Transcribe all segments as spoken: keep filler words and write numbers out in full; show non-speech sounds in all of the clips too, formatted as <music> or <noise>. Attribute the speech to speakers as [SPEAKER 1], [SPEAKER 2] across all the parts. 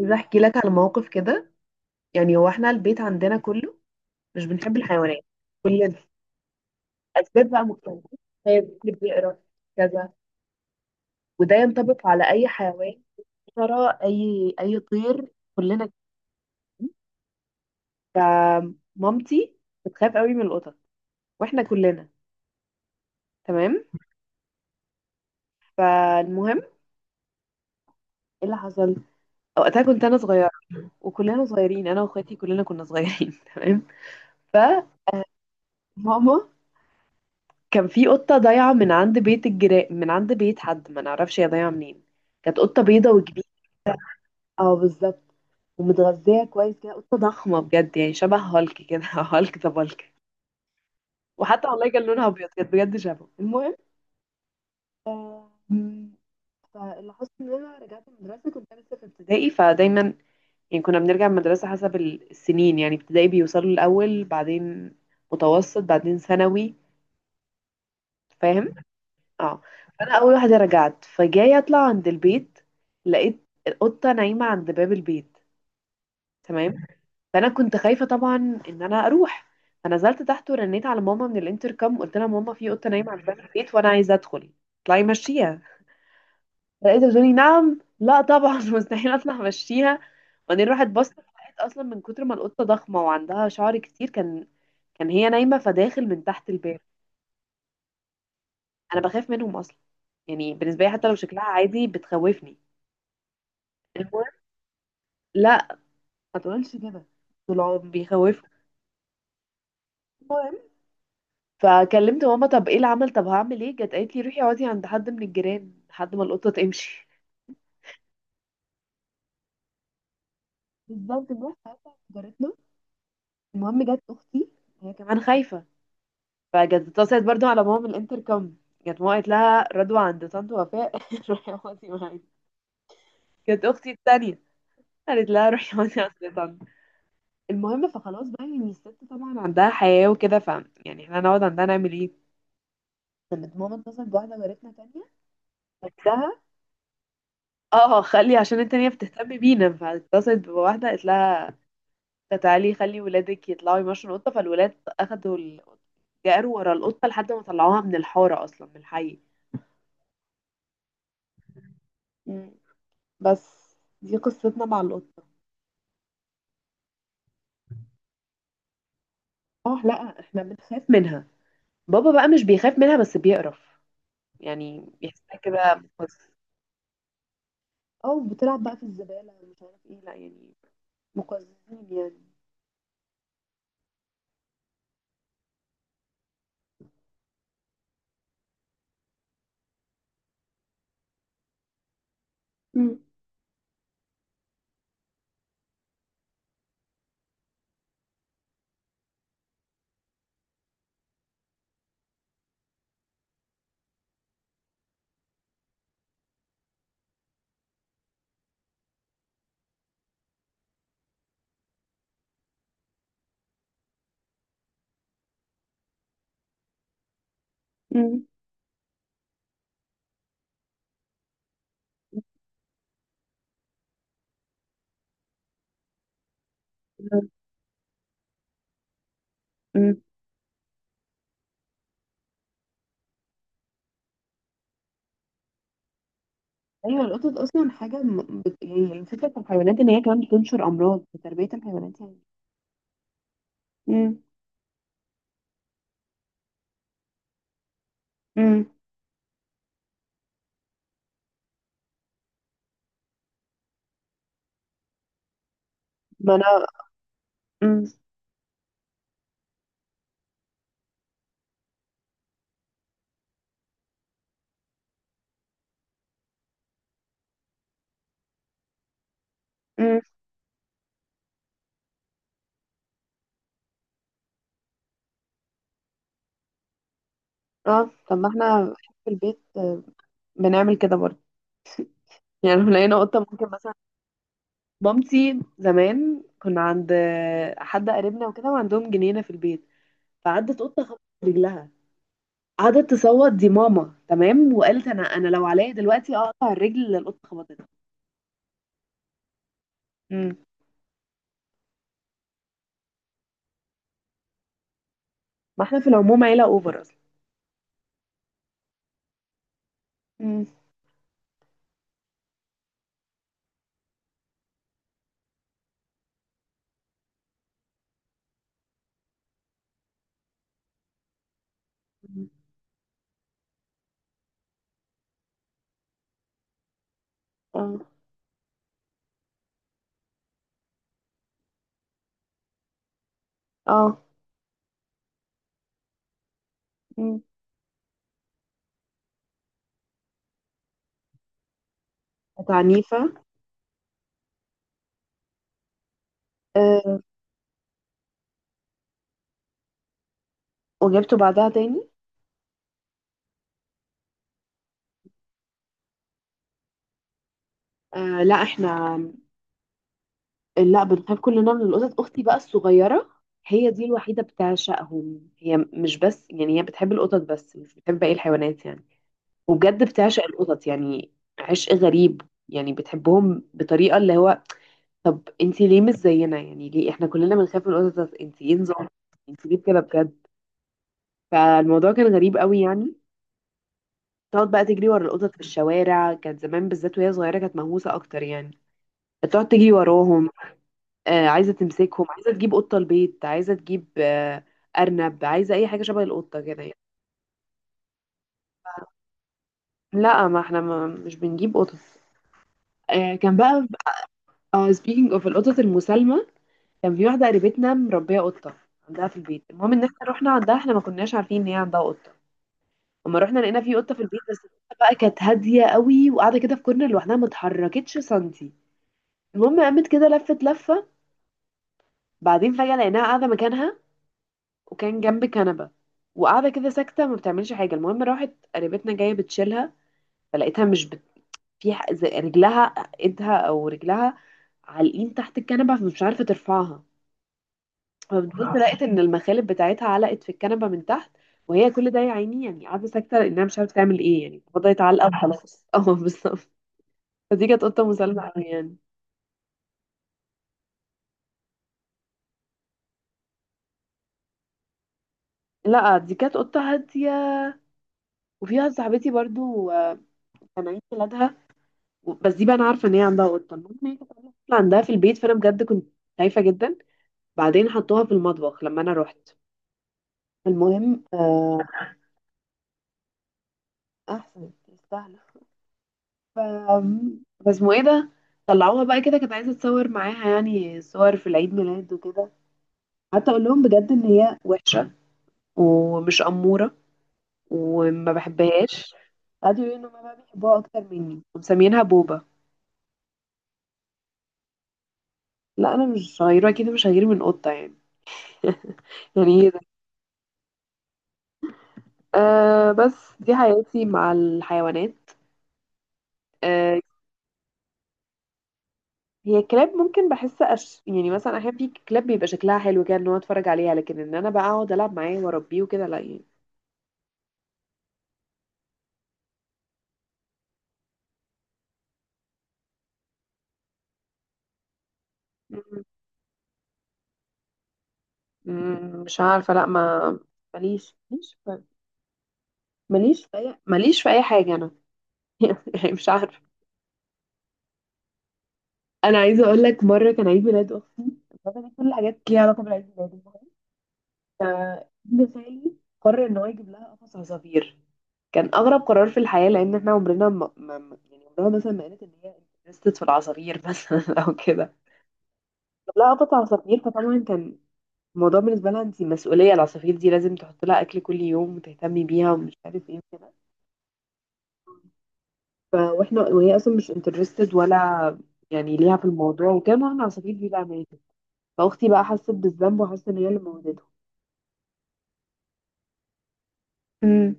[SPEAKER 1] عايزة احكي لك على موقف كده. يعني هو احنا البيت عندنا كله مش بنحب الحيوانات. كل اسباب بقى مختلفة، هي اللي بيقرا كذا، وده ينطبق على اي حيوان، ترى اي اي طير، كلنا كده. فمامتي بتخاف قوي من القطط، واحنا كلنا. تمام. فالمهم ايه اللي حصل؟ وقتها كنت انا صغيرة، وكلنا صغيرين، انا واخواتي كلنا كنا صغيرين. <laughs> تمام. فماما، كان في قطة ضايعة من عند بيت الجيران، من عند بيت حد ما نعرفش هي ضايعة منين. كانت قطة بيضة وكبيرة. اه بالظبط. ومتغذية كويس كده، قطة ضخمة بجد، يعني شبه هالك كده. <laughs> هالك ذا بالك. وحتى والله كان لونها ابيض، كانت بجد شبهه. المهم. آم، فاللي حصل ان انا رجعت المدرسة، كنت أنا لسه في ابتدائي، فدايما يعني كنا بنرجع من المدرسة حسب ال- السنين، يعني ابتدائي بيوصلوا الأول، بعدين متوسط، بعدين ثانوي. فاهم؟ اه. فانا اول واحده رجعت، فجاي اطلع عند البيت، لقيت القطه نايمه عند باب البيت. تمام. فانا كنت خايفه طبعا ان انا اروح، فنزلت تحت ورنيت على ماما من الانتركم. قلت لها ماما في قطه نايمه عند باب البيت وانا عايزه ادخل. اطلعي مشيها. لقيتها بتقولي نعم، لا طبعا. <laughs> مستحيل اطلع مشيها. وبعدين راحت بصت، لقيت اصلا من كتر ما القطه ضخمه وعندها شعر كتير، كان كان هي نايمه فداخل من تحت الباب. انا بخاف منهم اصلا، يعني بالنسبه لي حتى لو شكلها عادي بتخوفني. لا ما تقولش كده، دول عم بيخوفوا. المهم، فكلمت ماما. طب ايه العمل؟ طب هعمل ايه؟ جت قالت لي روحي اقعدي عند حد من الجيران لحد ما القطه تمشي. بالظبط، نروح ساعتها عند جارتنا. المهم جت اختي، هي كمان خايفه، فجت اتصلت برضو على ماما من الانتركم. جت ماما قالت لها رضوى عند طنط وفاء. <laughs> روحي اقعدي معايا. جت اختي التانية، قالت لها روحي اقعدي عند طنط. المهم فخلاص بقى، يعني الست طبعا عندها حياه وكده. ف يعني احنا هنقعد عندها نعمل ايه؟ كانت ماما اتصلت بواحده جارتنا تانية، نفسها. اه، خلي عشان التانية بتهتم بينا، فاتصلت بواحدة قالت لها تعالي خلي ولادك يطلعوا يمشوا القطة. فالولاد أخدوا القطة، جاروا ورا القطة لحد ما طلعوها من الحارة، أصلا من الحي. مم. بس دي قصتنا مع القطة. اه لا احنا بنخاف منها. بابا بقى مش بيخاف منها بس بيقرف، يعني بيحسها كده بس. اه، بتلعب بقى في الزبالة، مش عارف ايه، لا يعني مقززين يعني. مم. مم. مم. ايوه، القطط اصلا حاجه م- بت- يعني الفكره في الحيوانات ان هي كمان بتنشر امراض في تربيه الحيوانات يعني. امم. امم. ما انا. امم. امم. اه طب ما احنا في البيت، آه، بنعمل كده برضه. <laughs> يعني لو لقينا قطه ممكن مثلا، مامتي زمان كنا عند آه، حد قريبنا وكده، وعندهم جنينه في البيت، فعدت قطه خبطت رجلها. قعدت تصوت، دي ماما تمام، وقالت انا انا لو عليا دلوقتي اقطع الرجل اللي القطه خبطتها. امم. ما احنا في العموم عيله اوفر اصلا. امم. اه. اه. مم. كانت عنيفة. آه. وجبته بعدها تاني. آه لا احنا، لا بنخاف كلنا من القطط. اختي بقى الصغيرة، هي دي الوحيدة بتعشقهم. هي مش بس يعني هي بتحب القطط بس مش بتحب باقي الحيوانات يعني، وبجد بتعشق القطط يعني، عشق غريب، يعني بتحبهم بطريقة اللي هو، طب انتي ليه مش زينا؟ يعني ليه احنا كلنا بنخاف من القطط انتي ايه نظام؟ انتي ليه كده بجد؟ فالموضوع كان غريب قوي يعني. تقعد بقى تجري ورا القطط في الشوارع، كانت زمان بالذات وهي صغيرة كانت مهووسة أكتر يعني، تقعد تجري وراهم. آه، عايزة تمسكهم، عايزة تجيب قطة البيت، عايزة تجيب آه أرنب، عايزة أي حاجة شبه القطة كده يعني. لا ما احنا ما مش بنجيب قطط. آه كان بقى، آه speaking of القطط المسالمة، كان في واحدة قريبتنا مربية قطة عندها في البيت. المهم ان احنا رحنا عندها، احنا ما كناش عارفين ان هي عندها قطة. اما رحنا لقينا في قطة في البيت، بس القطة بقى كانت هادية قوي وقاعدة كده في كورنر لوحدها، ما اتحركتش سنتي. المهم قامت كده لفت لفة، بعدين فجأة لقيناها قاعدة مكانها، وكان جنب كنبة، وقاعدة كده ساكتة ما بتعملش حاجة. المهم راحت قريبتنا جاية بتشيلها، فلقيتها مش بت... في ح- زي رجلها، ايدها او رجلها، عالقين تحت الكنبة، فمش عارفة ترفعها. فبتبص لقيت ان المخالب بتاعتها علقت في الكنبة من تحت، وهي كل ده يا عيني يعني قاعدة ساكتة لانها مش عارفة تعمل ايه، يعني فضلت علقة وخلاص. <laughs> اه بالظبط. فدي كانت قطة مسالمة أوي يعني. لا دي كانت قطة هادية. وفيها صاحبتي برضو، آه، كان عيد ميلادها، و- بس دي بقى انا عارفه ان هي عندها قطه، المهم ان هي كانت عاملة قفل عندها في البيت، فانا بجد كنت خايفه جدا. بعدين حطوها في المطبخ لما انا رحت. المهم آه احسن تستاهل. ف بس اسمه ايه ده، طلعوها بقى كده، كانت عايزه اتصور معاها يعني صور في العيد ميلاد وكده، حتى اقول لهم بجد ان هي وحشه ومش اموره وما بحبهاش، قعدوا يقولوا ان هما بقى بيحبوها اكتر مني ومسمينها بوبا. لا انا مش صغيره، اكيد مش هغير من قطه يعني. <laughs> يعني، أه بس دي حياتي مع الحيوانات. أه، هي الكلاب ممكن بحس أش... يعني مثلا احيانا في كلاب بيبقى شكلها حلو كده ان هو اتفرج عليها، لكن ان انا بقى اقعد العب معاه واربيه وكده، لا يعني. مم. مم، مش عارفه، لا ما ماليش ماليش في ماليش في اي ماليش في اي حاجه انا. <laughs> يعني مش عارفه. انا عايزه اقول لك مره كان عيد ميلاد اختي. بابا ليه كل الحاجات ليها علاقه بالعيد ميلاد؟ ابن خالي قرر ان هو يجيب لها قفص عصافير. كان اغرب قرار في الحياه، لان احنا عمرنا ما ما- ما- يعني عمرنا مثلا ما قالت ان هي انترستد في العصافير، <laughs> مثلا او كده. جاب لها قفص عصافير، فطبعا كان الموضوع بالنسبه لها انت مسؤوليه العصافير دي لازم تحط لها اكل كل يوم وتهتمي بيها ومش عارف ايه وكده. ف- واحنا وهي اصلا مش انترستد ولا يعني ليها في الموضوع، وكان معاها العصافير دي، بقى ماتت. فاختي بقى حست بالذنب وحست ان هي اللي موتته. امم.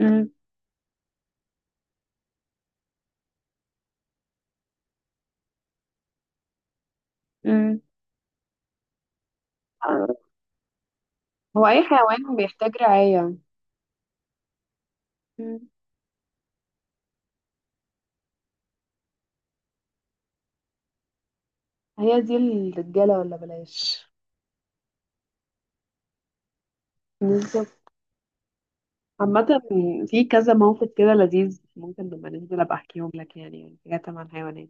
[SPEAKER 1] امم. امم. هو اي حيوان بيحتاج رعاية. مم. هي دي الرجالة ولا بلاش. بالظبط. عامة، في كذا موقف كده لذيذ ممكن لما ننزل ابقى احكيهم لك، يعني حاجات عن حيوانات.